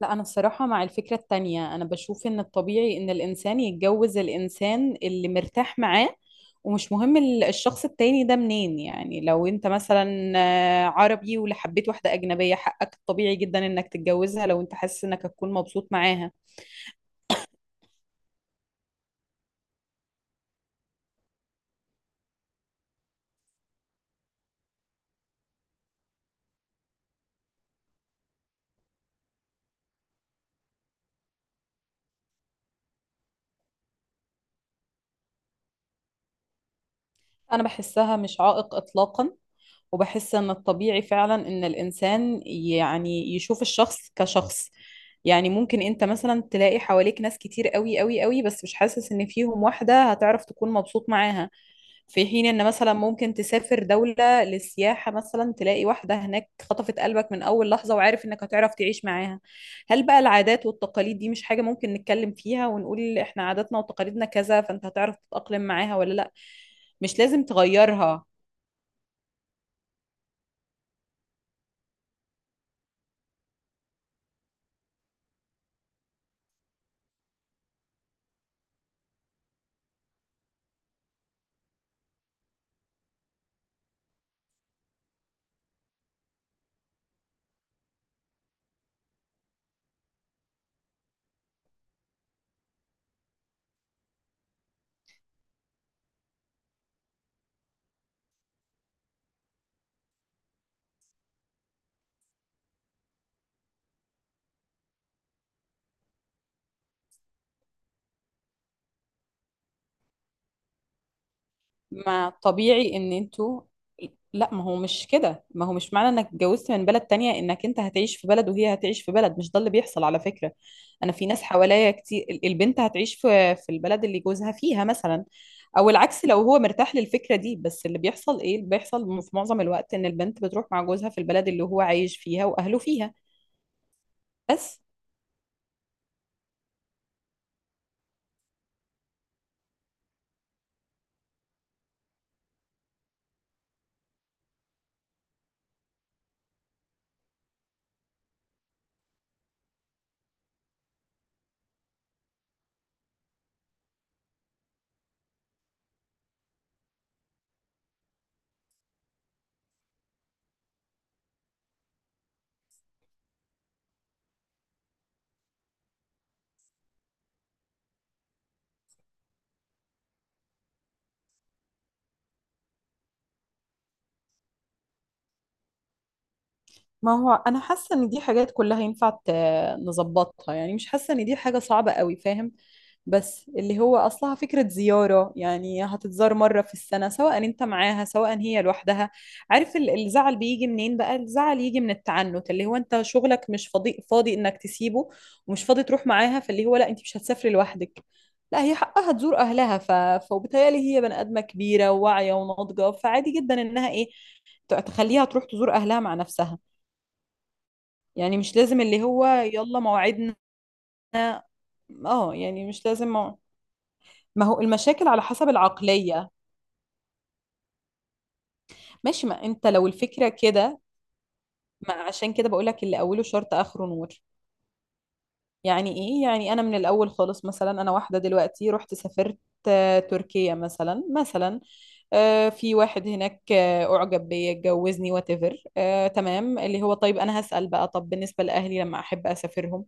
لا، أنا بصراحة مع الفكرة التانية. أنا بشوف إن الطبيعي إن الإنسان يتجوز الإنسان اللي مرتاح معاه، ومش مهم الشخص التاني ده منين. يعني لو أنت مثلا عربي ولا حبيت واحدة أجنبية، حقك الطبيعي جدا إنك تتجوزها لو أنت حاسس إنك هتكون مبسوط معاها. أنا بحسها مش عائق إطلاقا، وبحس ان الطبيعي فعلا ان الانسان يعني يشوف الشخص كشخص. يعني ممكن انت مثلا تلاقي حواليك ناس كتير قوي قوي قوي، بس مش حاسس ان فيهم واحدة هتعرف تكون مبسوط معاها. في حين ان مثلا ممكن تسافر دولة للسياحة، مثلا تلاقي واحدة هناك خطفت قلبك من اول لحظة، وعارف انك هتعرف تعيش معاها. هل بقى العادات والتقاليد دي مش حاجة ممكن نتكلم فيها ونقول احنا عاداتنا وتقاليدنا كذا، فانت هتعرف تتأقلم معاها ولا لا؟ مش لازم تغيرها. ما طبيعي ان انتوا. لا، ما هو مش كده. ما هو مش معنى انك اتجوزت من بلد تانية انك انت هتعيش في بلد وهي هتعيش في بلد. مش ده اللي بيحصل على فكرة. انا في ناس حواليا كتير، البنت هتعيش في البلد اللي جوزها فيها مثلا، او العكس لو هو مرتاح للفكرة دي. بس اللي بيحصل، ايه اللي بيحصل في معظم الوقت، ان البنت بتروح مع جوزها في البلد اللي هو عايش فيها واهله فيها. بس ما هو انا حاسه ان دي حاجات كلها ينفع نظبطها، يعني مش حاسه ان دي حاجه صعبه قوي، فاهم؟ بس اللي هو اصلها فكره زياره، يعني هتتزار مره في السنه، سواء انت معاها سواء هي لوحدها. عارف الزعل بيجي منين بقى؟ الزعل يجي من التعنت، اللي هو انت شغلك مش فاضي، فاضي انك تسيبه ومش فاضي تروح معاها، فاللي هو لا انت مش هتسافري لوحدك. لا، هي حقها تزور اهلها، ف... فبالتالي هي بني ادمه كبيره وواعيه وناضجه، فعادي جدا انها ايه، تخليها تروح تزور اهلها مع نفسها. يعني مش لازم اللي هو يلا موعدنا. اه، يعني مش لازم ما هو المشاكل على حسب العقلية. ماشي، ما انت لو الفكرة كده، ما عشان كده بقولك اللي اوله شرط اخره نور. يعني ايه؟ يعني انا من الاول خالص، مثلا انا واحدة دلوقتي رحت سافرت تركيا مثلا في واحد هناك أعجب بيا اتجوزني whatever، تمام. اللي هو طيب، أنا هسأل بقى، طب بالنسبة لأهلي لما أحب أسافرهم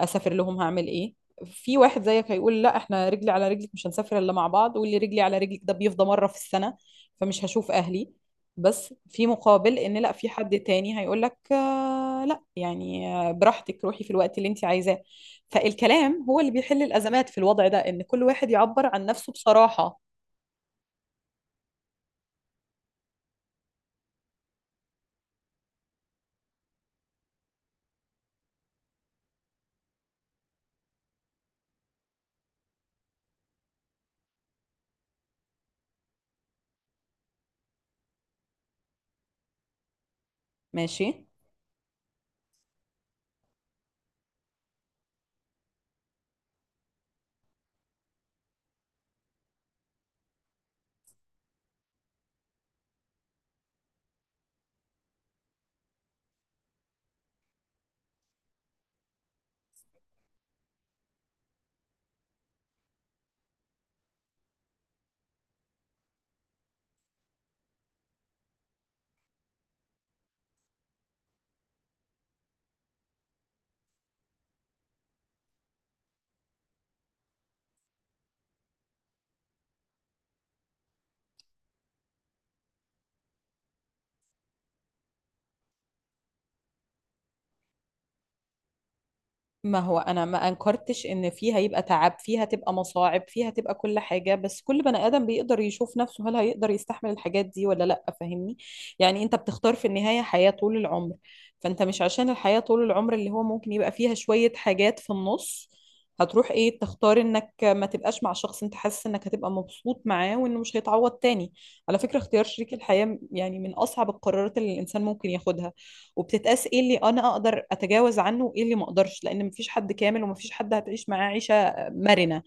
أسافر لهم هعمل إيه؟ في واحد زيك هيقول لا، احنا رجلي على رجلك، مش هنسافر إلا مع بعض، واللي رجلي على رجلك ده بيفضى مرة في السنة، فمش هشوف أهلي. بس في مقابل، إن لا، في حد تاني هيقول لك آه لا يعني، براحتك روحي في الوقت اللي أنت عايزاه. فالكلام هو اللي بيحل الأزمات في الوضع ده، إن كل واحد يعبر عن نفسه بصراحة. ماشي. ما هو انا ما انكرتش ان فيها يبقى تعب، فيها تبقى مصاعب، فيها تبقى كل حاجه، بس كل بني ادم بيقدر يشوف نفسه، هل هيقدر يستحمل الحاجات دي ولا لا، فاهمني؟ يعني انت بتختار في النهايه حياه طول العمر. فانت مش عشان الحياه طول العمر اللي هو ممكن يبقى فيها شويه حاجات في النص، هتروح ايه، تختار انك ما تبقاش مع شخص انت حاسس انك هتبقى مبسوط معاه وانه مش هيتعوض تاني. على فكره اختيار شريك الحياه يعني من اصعب القرارات اللي الانسان ممكن ياخدها، وبتتقاس ايه اللي انا اقدر اتجاوز عنه وايه اللي ما اقدرش، لان مفيش حد كامل ومفيش حد هتعيش معاه عيشه مرنه.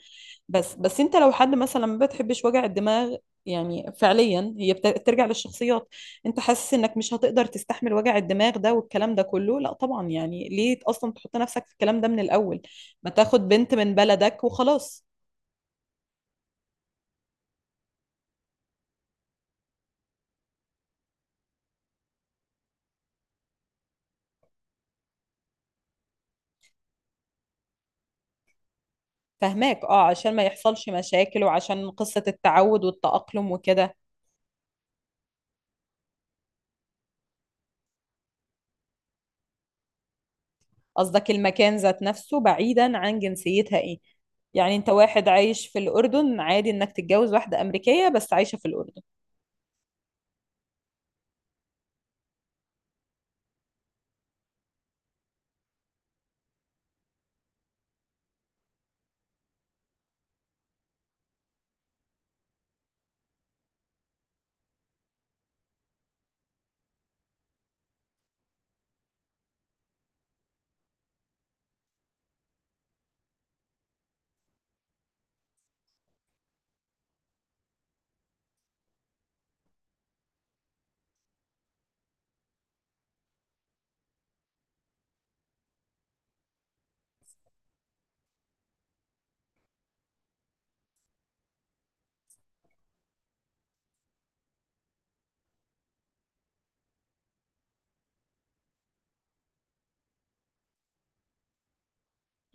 بس انت لو حد مثلا ما بتحبش وجع الدماغ، يعني فعليا هي بترجع للشخصيات. انت حاسس انك مش هتقدر تستحمل وجع الدماغ ده والكلام ده كله، لا طبعا، يعني ليه اصلا تحط نفسك في الكلام ده من الاول؟ ما تاخد بنت من بلدك وخلاص. فهماك، اه، عشان ما يحصلش مشاكل وعشان قصة التعود والتأقلم وكده. قصدك المكان ذات نفسه بعيدا عن جنسيتها، ايه. يعني انت واحد عايش في الأردن عادي انك تتجوز واحدة أمريكية بس عايشة في الأردن.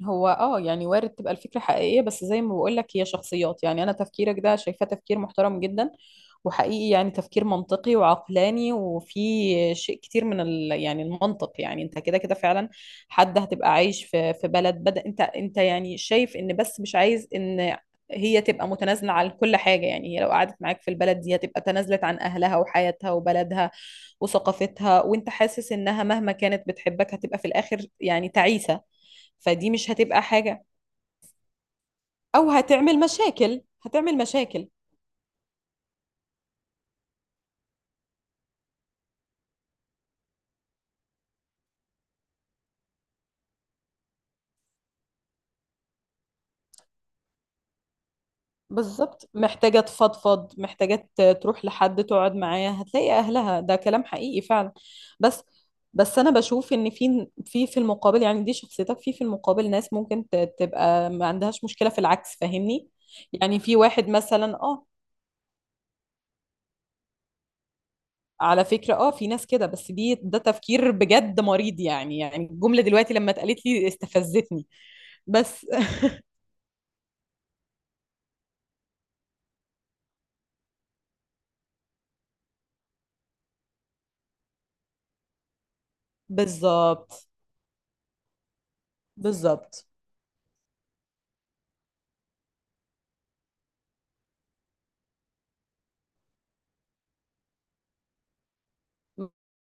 هو اه يعني وارد تبقى الفكرة حقيقية، بس زي ما بقولك هي شخصيات. يعني انا تفكيرك ده شايفاه تفكير محترم جدا وحقيقي، يعني تفكير منطقي وعقلاني، وفي شيء كتير من ال... يعني المنطق. يعني انت كده كده فعلا حد هتبقى عايش في بلد بدأ انت يعني شايف ان، بس مش عايز ان هي تبقى متنازلة عن كل حاجة. يعني هي لو قعدت معاك في البلد دي هتبقى تنازلت عن أهلها وحياتها وبلدها وثقافتها، وانت حاسس انها مهما كانت بتحبك هتبقى في الآخر يعني تعيسة. فدي مش هتبقى حاجة، أو هتعمل مشاكل، هتعمل مشاكل. بالظبط، محتاجة تفضفض، محتاجة تروح لحد تقعد معاه هتلاقي أهلها. ده كلام حقيقي فعلا. بس أنا بشوف إن في في المقابل، يعني دي شخصيتك، في في المقابل ناس ممكن تبقى ما عندهاش مشكلة في العكس، فاهمني؟ يعني في واحد مثلا اه، على فكرة اه في ناس كده، بس دي ده تفكير بجد مريض يعني، يعني الجملة دلوقتي لما اتقالت لي استفزتني. بس بالظبط، بالظبط.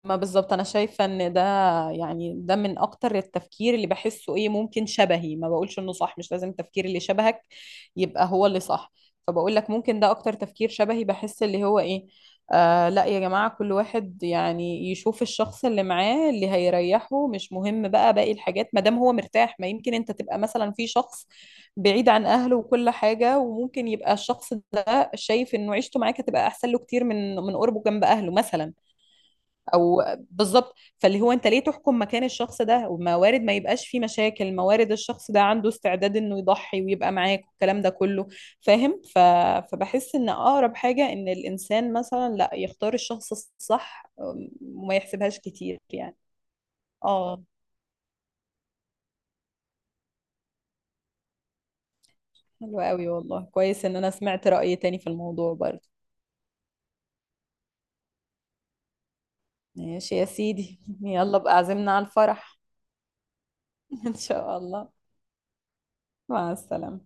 ما بالظبط انا شايفه ان ده يعني ده من اكتر التفكير اللي بحسه، ايه، ممكن شبهي. ما بقولش انه صح، مش لازم التفكير اللي شبهك يبقى هو اللي صح، فبقول لك ممكن ده اكتر تفكير شبهي، بحس اللي هو ايه، آه لا يا جماعه كل واحد يعني يشوف الشخص اللي معاه اللي هيريحه، مش مهم بقى باقي الحاجات ما دام هو مرتاح. ما يمكن انت تبقى مثلا في شخص بعيد عن اهله وكل حاجه، وممكن يبقى الشخص ده شايف انه عيشته معاك هتبقى احسن له كتير من قربه جنب اهله مثلا. او بالظبط، فاللي هو انت ليه تحكم مكان الشخص ده، وموارد ما يبقاش فيه مشاكل، موارد الشخص ده عنده استعداد انه يضحي ويبقى معاك والكلام ده كله، فاهم؟ ف... فبحس ان اقرب حاجة ان الانسان مثلا لا، يختار الشخص الصح وما يحسبهاش كتير يعني. اه، حلو قوي والله، كويس ان انا سمعت رأي تاني في الموضوع برضه. ماشي يا سيدي، يلا بقى عزمنا على الفرح. ان شاء الله، مع السلامة.